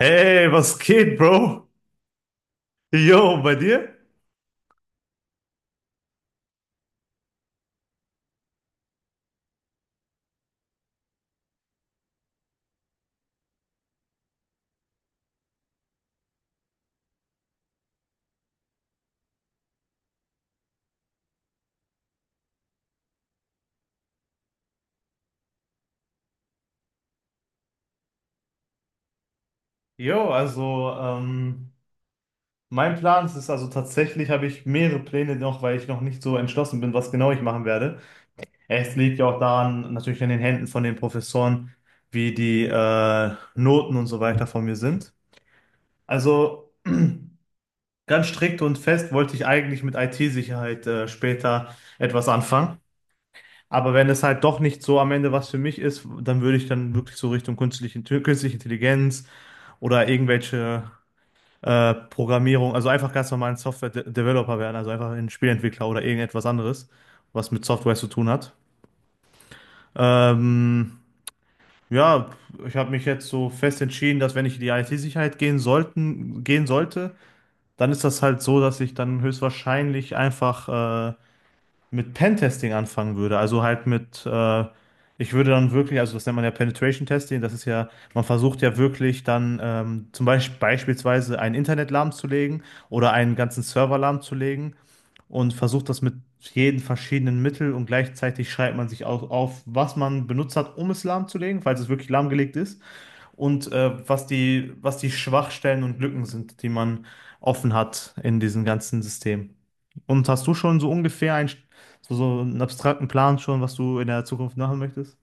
Hey, was geht, Bro? Yo, bei dir? Yo, also mein Plan ist also tatsächlich, habe ich mehrere Pläne noch, weil ich noch nicht so entschlossen bin, was genau ich machen werde. Es liegt ja auch daran, natürlich an den Händen von den Professoren, wie die Noten und so weiter von mir sind. Also ganz strikt und fest wollte ich eigentlich mit IT-Sicherheit später etwas anfangen. Aber wenn es halt doch nicht so am Ende was für mich ist, dann würde ich dann wirklich so Richtung künstliche, künstliche Intelligenz oder irgendwelche Programmierung, also einfach ganz normal ein Software-Developer werden, also einfach ein Spielentwickler oder irgendetwas anderes, was mit Software zu tun hat. Ähm, ja, ich habe mich jetzt so fest entschieden, dass wenn ich in die IT-Sicherheit gehen sollten, gehen sollte, dann ist das halt so, dass ich dann höchstwahrscheinlich einfach mit Pentesting anfangen würde. Ich würde dann wirklich, also das nennt man ja Penetration Testing, das ist ja, man versucht ja wirklich dann zum Beispiel beispielsweise einen Internet lahmzulegen oder einen ganzen Server lahmzulegen und versucht das mit jeden verschiedenen Mittel und gleichzeitig schreibt man sich auch auf, was man benutzt hat, um es lahmzulegen, falls es wirklich lahmgelegt ist und was die Schwachstellen und Lücken sind, die man offen hat in diesem ganzen System. Und hast du schon so ungefähr so einen abstrakten Plan schon, was du in der Zukunft machen möchtest?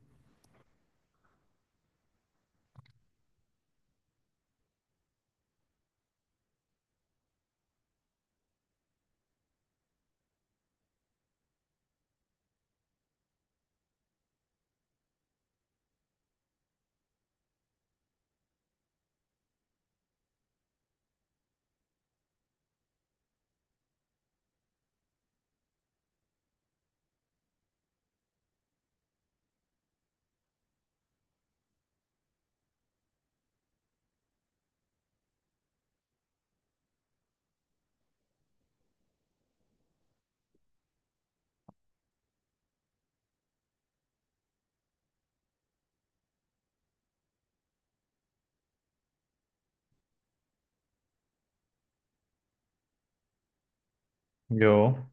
Jo.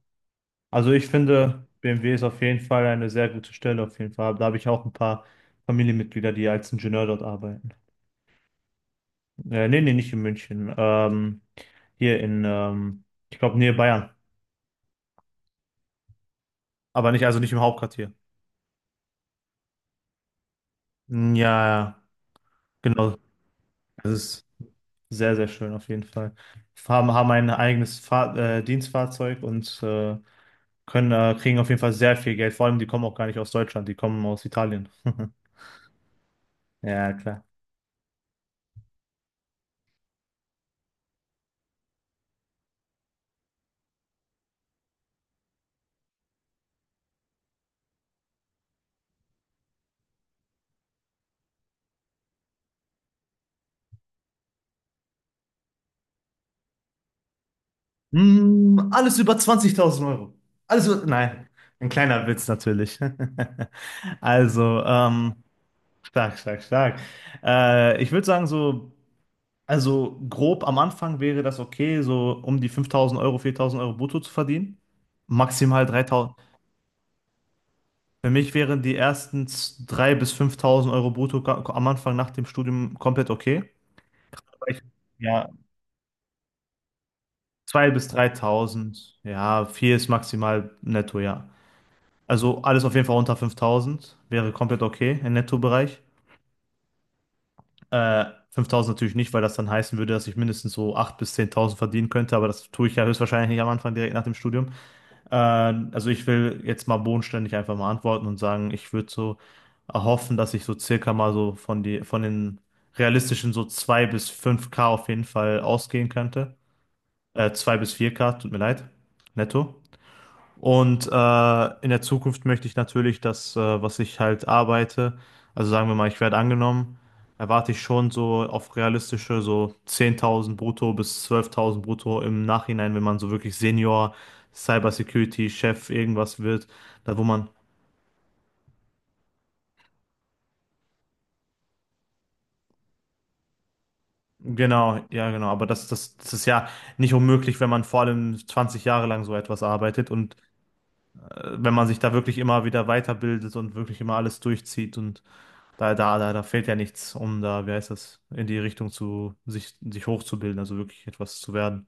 Also ich finde, BMW ist auf jeden Fall eine sehr gute Stelle, auf jeden Fall. Da habe ich auch ein paar Familienmitglieder, die als Ingenieur dort arbeiten. Nee, nee, nicht in München. Hier in, ich glaube, Nähe Bayern. Aber nicht, also nicht im Hauptquartier. Ja, ja, genau. Das ist. Sehr, sehr schön auf jeden Fall. Haben ein eigenes Fahr Dienstfahrzeug und kriegen auf jeden Fall sehr viel Geld. Vor allem, die kommen auch gar nicht aus Deutschland, die kommen aus Italien. Ja, klar. Alles über 20.000 Euro. Alles über, nein, ein kleiner Witz natürlich. Also, stark, stark, stark. Ich würde sagen, so, also grob am Anfang wäre das okay, so um die 5.000 Euro, 4.000 Euro brutto zu verdienen. Maximal 3.000. Für mich wären die ersten 3.000 bis 5.000 Euro brutto am Anfang nach dem Studium komplett okay. Aber ich, ja, 2.000 bis 3.000. Ja, 4 ist maximal netto, ja. Also alles auf jeden Fall unter 5.000 wäre komplett okay im Nettobereich. Äh, 5.000 natürlich nicht, weil das dann heißen würde, dass ich mindestens so 8.000 bis 10.000 verdienen könnte, aber das tue ich ja höchstwahrscheinlich nicht am Anfang direkt nach dem Studium. Also ich will jetzt mal bodenständig einfach mal antworten und sagen, ich würde so erhoffen, dass ich so circa mal so von die, von den realistischen so 2 bis fünf k auf jeden Fall ausgehen könnte. 2 bis vier k, tut mir leid. Netto. Und in der Zukunft möchte ich natürlich das, was ich halt arbeite, also sagen wir mal, ich werde angenommen, erwarte ich schon so auf realistische so 10.000 brutto bis 12.000 brutto im Nachhinein, wenn man so wirklich Senior, Cybersecurity, Chef, irgendwas wird, da wo man, genau, ja genau, aber das ist ja nicht unmöglich, wenn man vor allem 20 Jahre lang so etwas arbeitet und wenn man sich da wirklich immer wieder weiterbildet und wirklich immer alles durchzieht und da fehlt ja nichts, um da, wie heißt das, in die Richtung zu, sich hochzubilden, also wirklich etwas zu werden.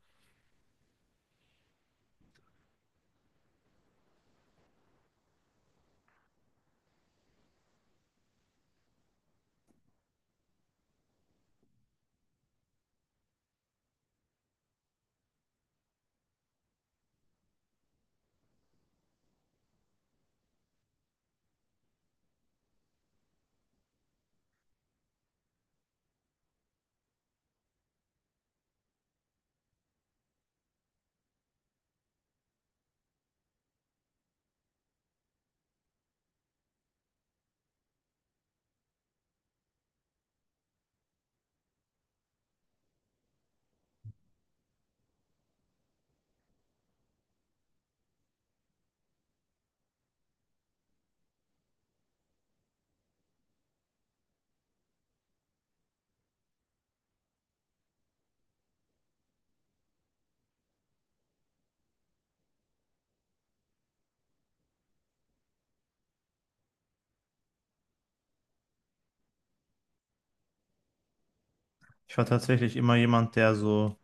Ich war tatsächlich immer jemand, der so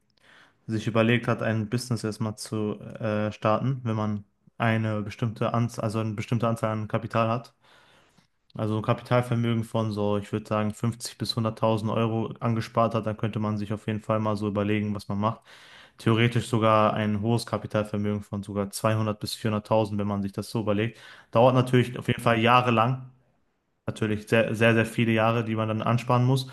sich überlegt hat, ein Business erstmal zu starten, wenn man eine bestimmte Anzahl, also eine bestimmte Anzahl an Kapital hat. Also ein Kapitalvermögen von so, ich theoretisch sogar ein hohes Kapitalvermögen von sogar 200 bis 400.000, wenn man sich das so überlegt. Dauert natürlich auf jeden Fall jahrelang. Natürlich sehr, sehr, sehr viele Jahre, die man dann ansparen muss.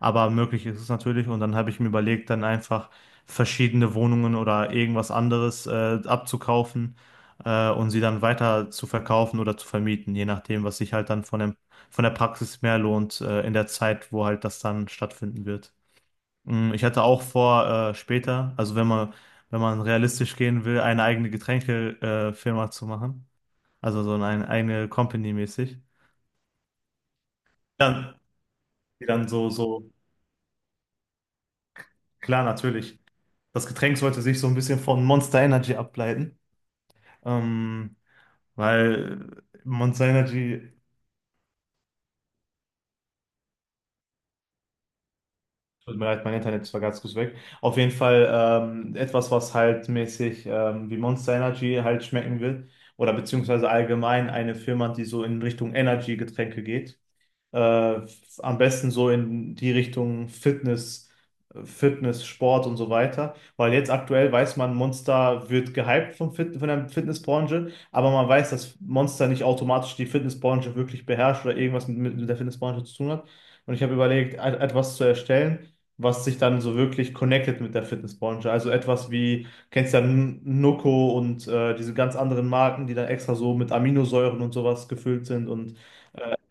Aber möglich ist es natürlich. Und dann habe ich mir überlegt, dann einfach verschiedene Wohnungen oder irgendwas anderes abzukaufen und sie dann weiter zu verkaufen oder zu vermieten, je nachdem, was sich halt dann von dem, von der Praxis mehr lohnt in der Zeit, wo halt das dann stattfinden wird. Ich hatte auch vor, später, also wenn man, realistisch gehen will, eine eigene Getränkefirma Firma zu machen. Also so eine eigene Company mäßig. Dann, die dann klar, natürlich. Das Getränk sollte sich so ein bisschen von Monster Energy ableiten. Ähm, Weil Monster Energy. Tut mir leid, mein Internet war ganz kurz weg. Auf jeden Fall etwas, was halt mäßig wie Monster Energy halt schmecken wird. Oder beziehungsweise allgemein eine Firma, die so in Richtung Energy-Getränke geht. Am besten so in die Richtung Fitness, Fitness, Sport und so weiter. Weil jetzt aktuell weiß man, Monster wird gehypt vom Fit von der Fitnessbranche, aber man weiß, dass Monster nicht automatisch die Fitnessbranche wirklich beherrscht oder irgendwas mit der Fitnessbranche zu tun hat. Und ich habe überlegt, etwas zu erstellen, was sich dann so wirklich connected mit der Fitnessbranche. Also etwas wie, kennst ja Nocco und diese ganz anderen Marken, die dann extra so mit Aminosäuren und sowas gefüllt sind und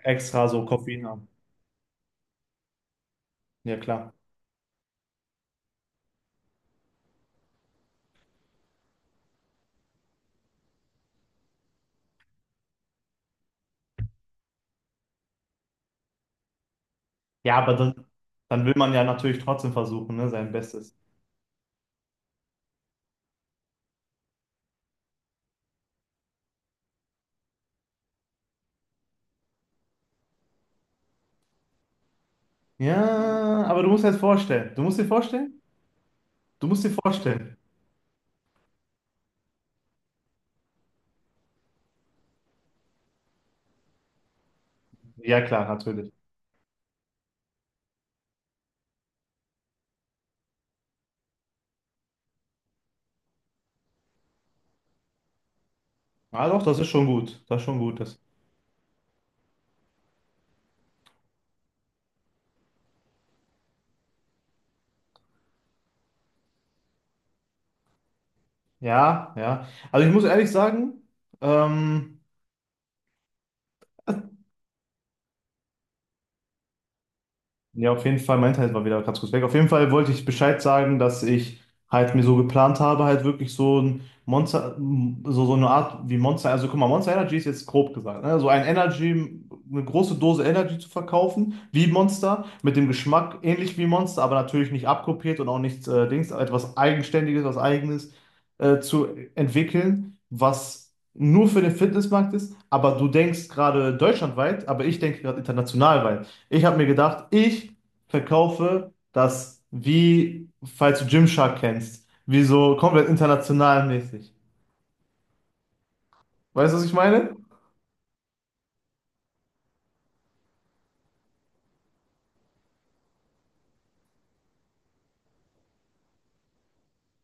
extra so Koffein haben. Ja, klar. Ja, aber dann will man ja natürlich trotzdem versuchen, ne, sein Bestes. Ja, aber du musst dir jetzt vorstellen. Du musst dir vorstellen? Du musst dir vorstellen. Ja, klar, natürlich. Ah, doch, das ist schon gut. Das ist schon gut. Das. Ja, ja. Also ich muss ehrlich sagen, ähm, ja, auf jeden Fall, mein Internet war wieder ganz kurz weg. Auf jeden Fall wollte ich Bescheid sagen, dass ich halt mir so geplant habe, halt wirklich so ein Monster, so eine Art wie Monster, also guck mal, Monster Energy ist jetzt grob gesagt, ne? So ein Energy, eine große Dose Energy zu verkaufen, wie Monster, mit dem Geschmack ähnlich wie Monster, aber natürlich nicht abkopiert und auch nichts Dings, etwas Eigenständiges, was Eigenes zu entwickeln, was nur für den Fitnessmarkt ist, aber du denkst gerade deutschlandweit, aber ich denke gerade international weit. Ich habe mir gedacht, ich verkaufe das wie, falls du Gymshark kennst, wie so komplett international mäßig. Weißt du, was ich meine?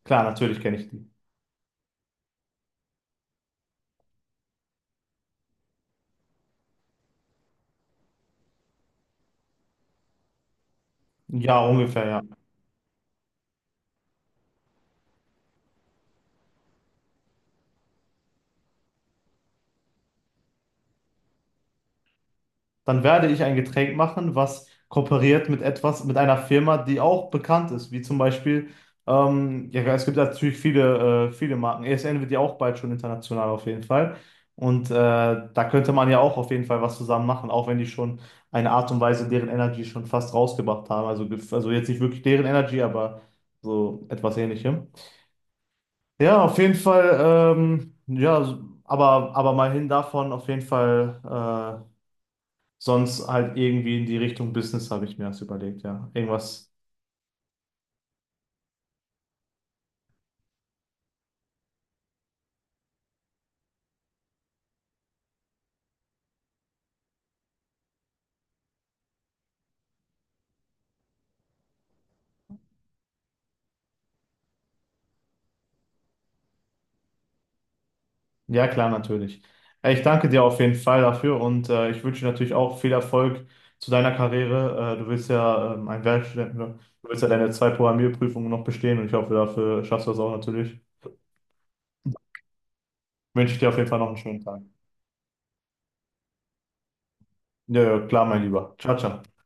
Klar, natürlich kenne ich die. Ja, ungefähr, ja. Dann werde ich ein Getränk machen, was kooperiert mit etwas, mit einer Firma, die auch bekannt ist, wie zum Beispiel, ja, es gibt natürlich viele, viele Marken. ESN wird ja auch bald schon international auf jeden Fall. Und da könnte man ja auch auf jeden Fall was zusammen machen, auch wenn die schon eine Art und Weise deren Energy schon fast rausgebracht haben. Also jetzt nicht wirklich deren Energy, aber so etwas Ähnlichem. Ja, auf jeden Fall, ja, aber mal hin davon, auf jeden Fall, sonst halt irgendwie in die Richtung Business habe ich mir das überlegt, ja. Irgendwas. Ja, klar, natürlich. Ich danke dir auf jeden Fall dafür und ich wünsche dir natürlich auch viel Erfolg zu deiner Karriere. Du willst ja ein Werkstudent, ne? Du willst ja deine zwei Programmierprüfungen noch bestehen und ich hoffe, dafür schaffst du das auch natürlich. Wünsche ich dir auf jeden Fall noch einen schönen Tag. Ja, ja, klar, mein Lieber. Ciao, ciao.